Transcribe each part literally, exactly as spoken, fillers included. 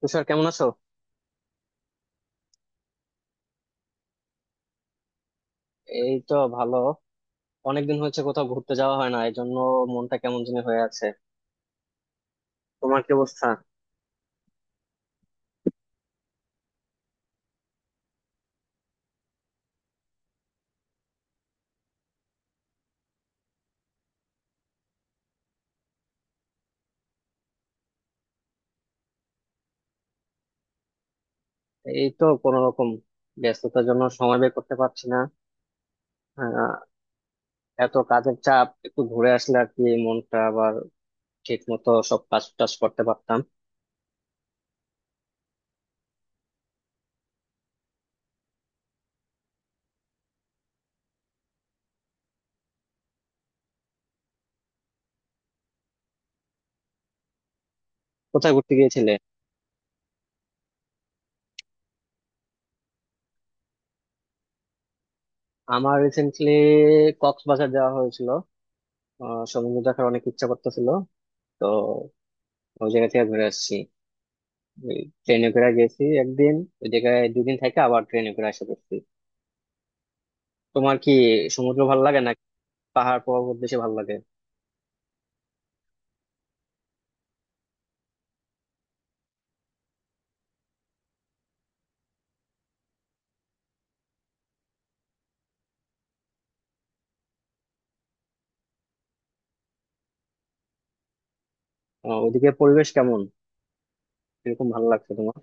তুষার, কেমন আছো? এই তো ভালো। অনেকদিন হয়েছে কোথাও ঘুরতে যাওয়া হয় না, এই জন্য মনটা কেমন জানি হয়ে আছে। তোমার কি অবস্থা? এই তো কোনো রকম, ব্যস্ততার জন্য সময় বের করতে পারছি না। আহ, এত কাজের চাপ, একটু ঘুরে আসলে আর কি মনটা আবার ঠিক মতো সব কাজ টাজ করতে পারতাম। কোথায় ঘুরতে গিয়েছিলে? আমার রিসেন্টলি কক্সবাজার যাওয়া হয়েছিল। আহ, সমুদ্র দেখার অনেক ইচ্ছা করতেছিল, তো ওই জায়গা থেকে ঘুরে আসছি। ট্রেনে করে গেছি একদিন, ওই জায়গায় দুদিন থেকে আবার ট্রেনে করে আসা করছি। তোমার কি সমুদ্র ভালো লাগে নাকি পাহাড় পর্বত বেশি ভালো লাগে? আহ, ওদিকে পরিবেশ কেমন? কিরকম ভালো লাগছে তোমার?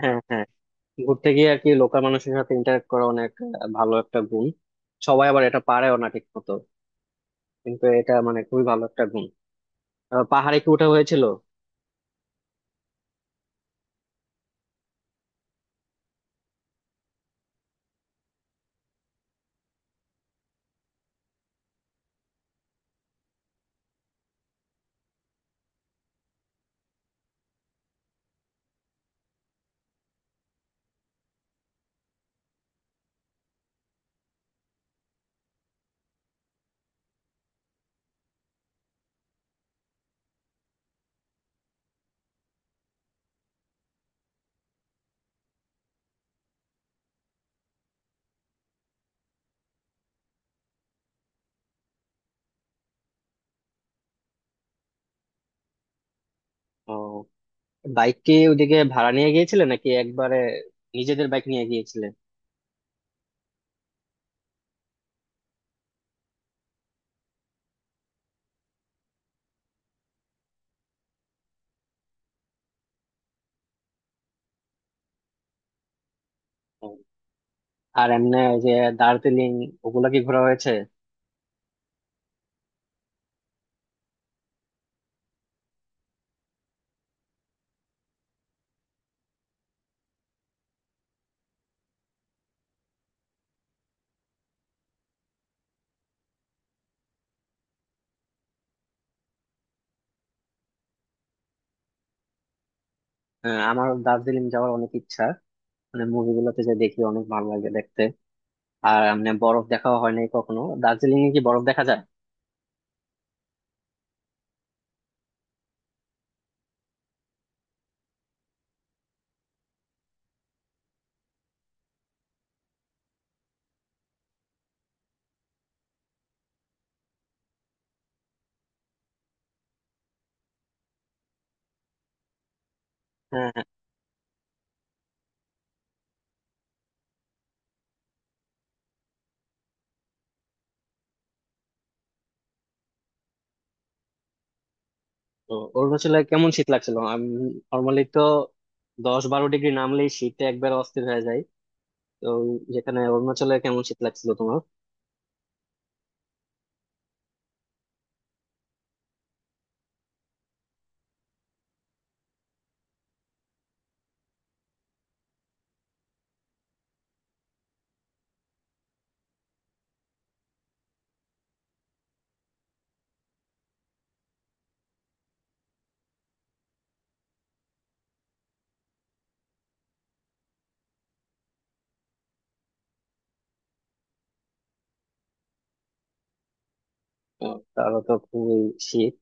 হ্যাঁ, হ্যাঁ। ঘুরতে গিয়ে আর কি লোকাল মানুষের সাথে ইন্টারেক্ট করা অনেক আহ, ভালো একটা গুণ। সবাই আবার এটা পারেও না ঠিক মতো, কিন্তু এটা মানে খুবই ভালো একটা গুণ। আহ, পাহাড়ে কি ওঠা হয়েছিল? ও, বাইক কি ওইদিকে ভাড়া নিয়ে গিয়েছিলে নাকি একবারে নিজেদের বাইক নিয়ে গিয়েছিলে? ও, আর এমনি ওই যে দার্জিলিং, ওগুলা কি ঘোরা হয়েছে? আহ, আমার দার্জিলিং যাওয়ার অনেক ইচ্ছা। মানে মুভিগুলোতে যে দেখি, অনেক ভালো লাগে দেখতে। আর এমনি বরফ দেখাও হয় নাই কখনো। দার্জিলিং এ কি বরফ দেখা যায়? হ্যাঁ, হ্যাঁ। তো অরুণাচলে কেমন শীত লাগছিল? আমি নর্মালি তো দশ বারো ডিগ্রি নামলেই শীতে একবার অস্থির হয়ে যায়, তো যেখানে অরুণাচলে কেমন শীত লাগছিল তোমার? আহ, তারও তো খুবই শীত।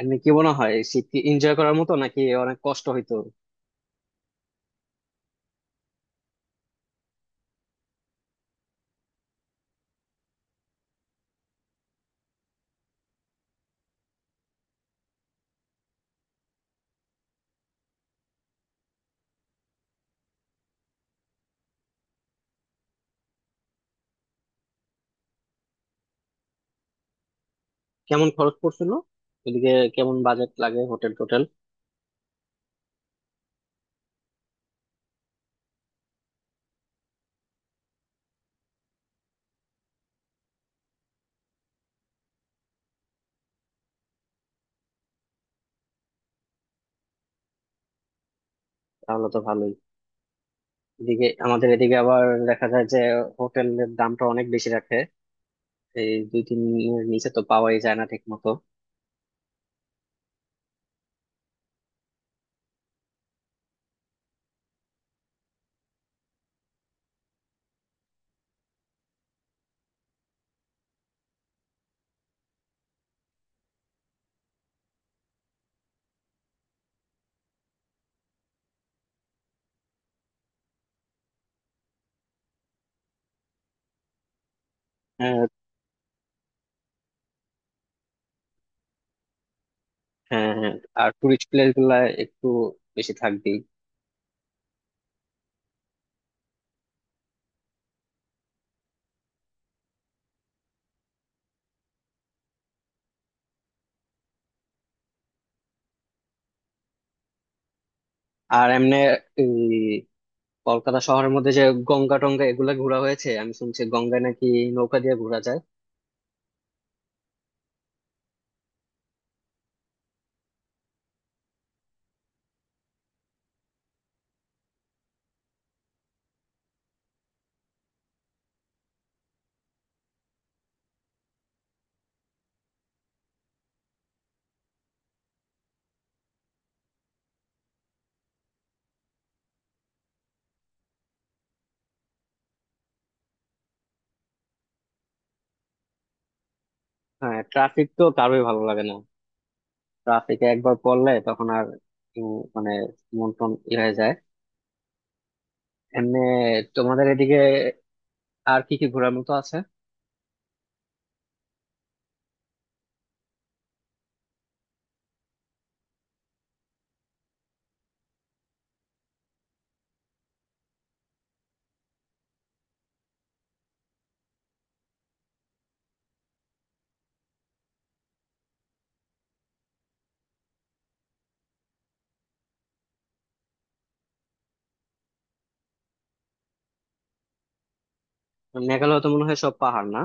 এমনি কি মনে হয়, শীত কি এনজয় করার মতো নাকি অনেক কষ্ট হইতো? কেমন খরচ পড়ছিল এদিকে? কেমন বাজেট লাগে হোটেল টোটেল? তাহলে তো ভালোই। এদিকে আমাদের এদিকে আবার দেখা যায় যে হোটেলের দামটা অনেক বেশি রাখে। এই দুই তিন এর নিচে তো পাওয়াই যায় না ঠিক মতো। হ্যাঁ, হ্যাঁ, হ্যাঁ। আর টুরিস্ট প্লেস গুলা একটু বেশি থাকবেই। আর এমনি এই কলকাতা শহরের মধ্যে যে গঙ্গা টঙ্গা, এগুলা ঘোরা হয়েছে? আমি শুনছি গঙ্গায় নাকি নৌকা দিয়ে ঘোরা যায়। হ্যাঁ, ট্রাফিক তো কারোই ভালো লাগে না। ট্রাফিকে একবার পড়লে তখন আর উম, মানে মন টন ইয়ে হয়ে যায়। এমনি তোমাদের এদিকে আর কি কি ঘোরার মতো আছে? মেঘালয় তো মনে হয় সব পাহাড় না।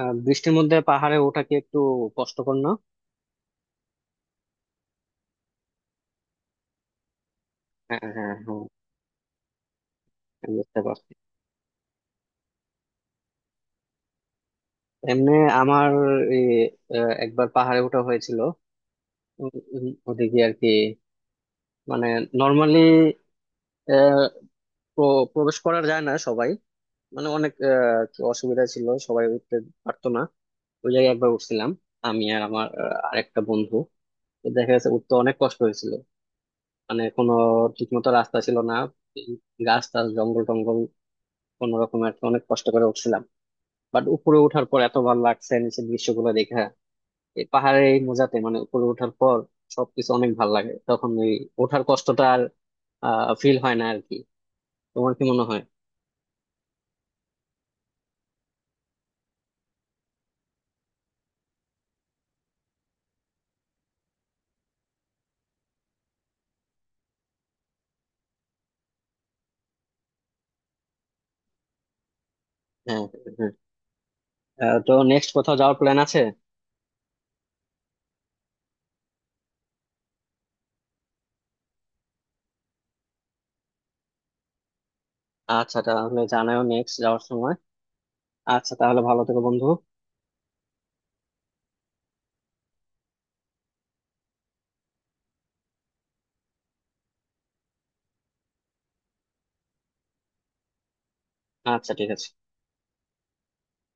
আহ, বৃষ্টির মধ্যে পাহাড়ে ওঠা কি একটু কষ্টকর না? হ্যাঁ, হ্যাঁ, হ্যাঁ, বুঝতে পারছি। এমনি আমার এই, আহ, একবার পাহাড়ে ওঠা হয়েছিল। উম, উম, ওদিকে আর কি মানে নর্মালি প্রবেশ করা যায় না সবাই। মানে অনেক আহ, আর কি অসুবিধা ছিল, সবাই উঠতে পারতো না। ওই জায়গায় একবার উঠছিলাম আমি আর আমার আহ, আরেকটা বন্ধু। তো দেখা গেছে উঠতে অনেক কষ্ট হয়েছিল, মানে কোনো ঠিকমতো রাস্তা ছিল না। এই গাছ টাছ জঙ্গল টঙ্গল, কোনো রকম আর কি অনেক কষ্ট করে উঠছিলাম। বাট উপরে ওঠার পর এত ভালো লাগছে নিচের দৃশ্যগুলো দেখে। এই পাহাড়ে এই মোজাতে মানে উপরে ওঠার পর সবকিছু অনেক ভালো লাগে তখন। এই ওঠার কষ্টটা আর ফিল হয় না আর কি। তোমার কি মনে হয়? হ্যাঁ, হ্যাঁ, হ্যাঁ। আহ, তো নেক্সট কোথাও যাওয়ার প্ল্যান আছে? আচ্ছা, তাহলে জানাও নেক্সট যাওয়ার সময়। আচ্ছা, তাহলে ভালো থেকো বন্ধু। আচ্ছা, ঠিক আছে।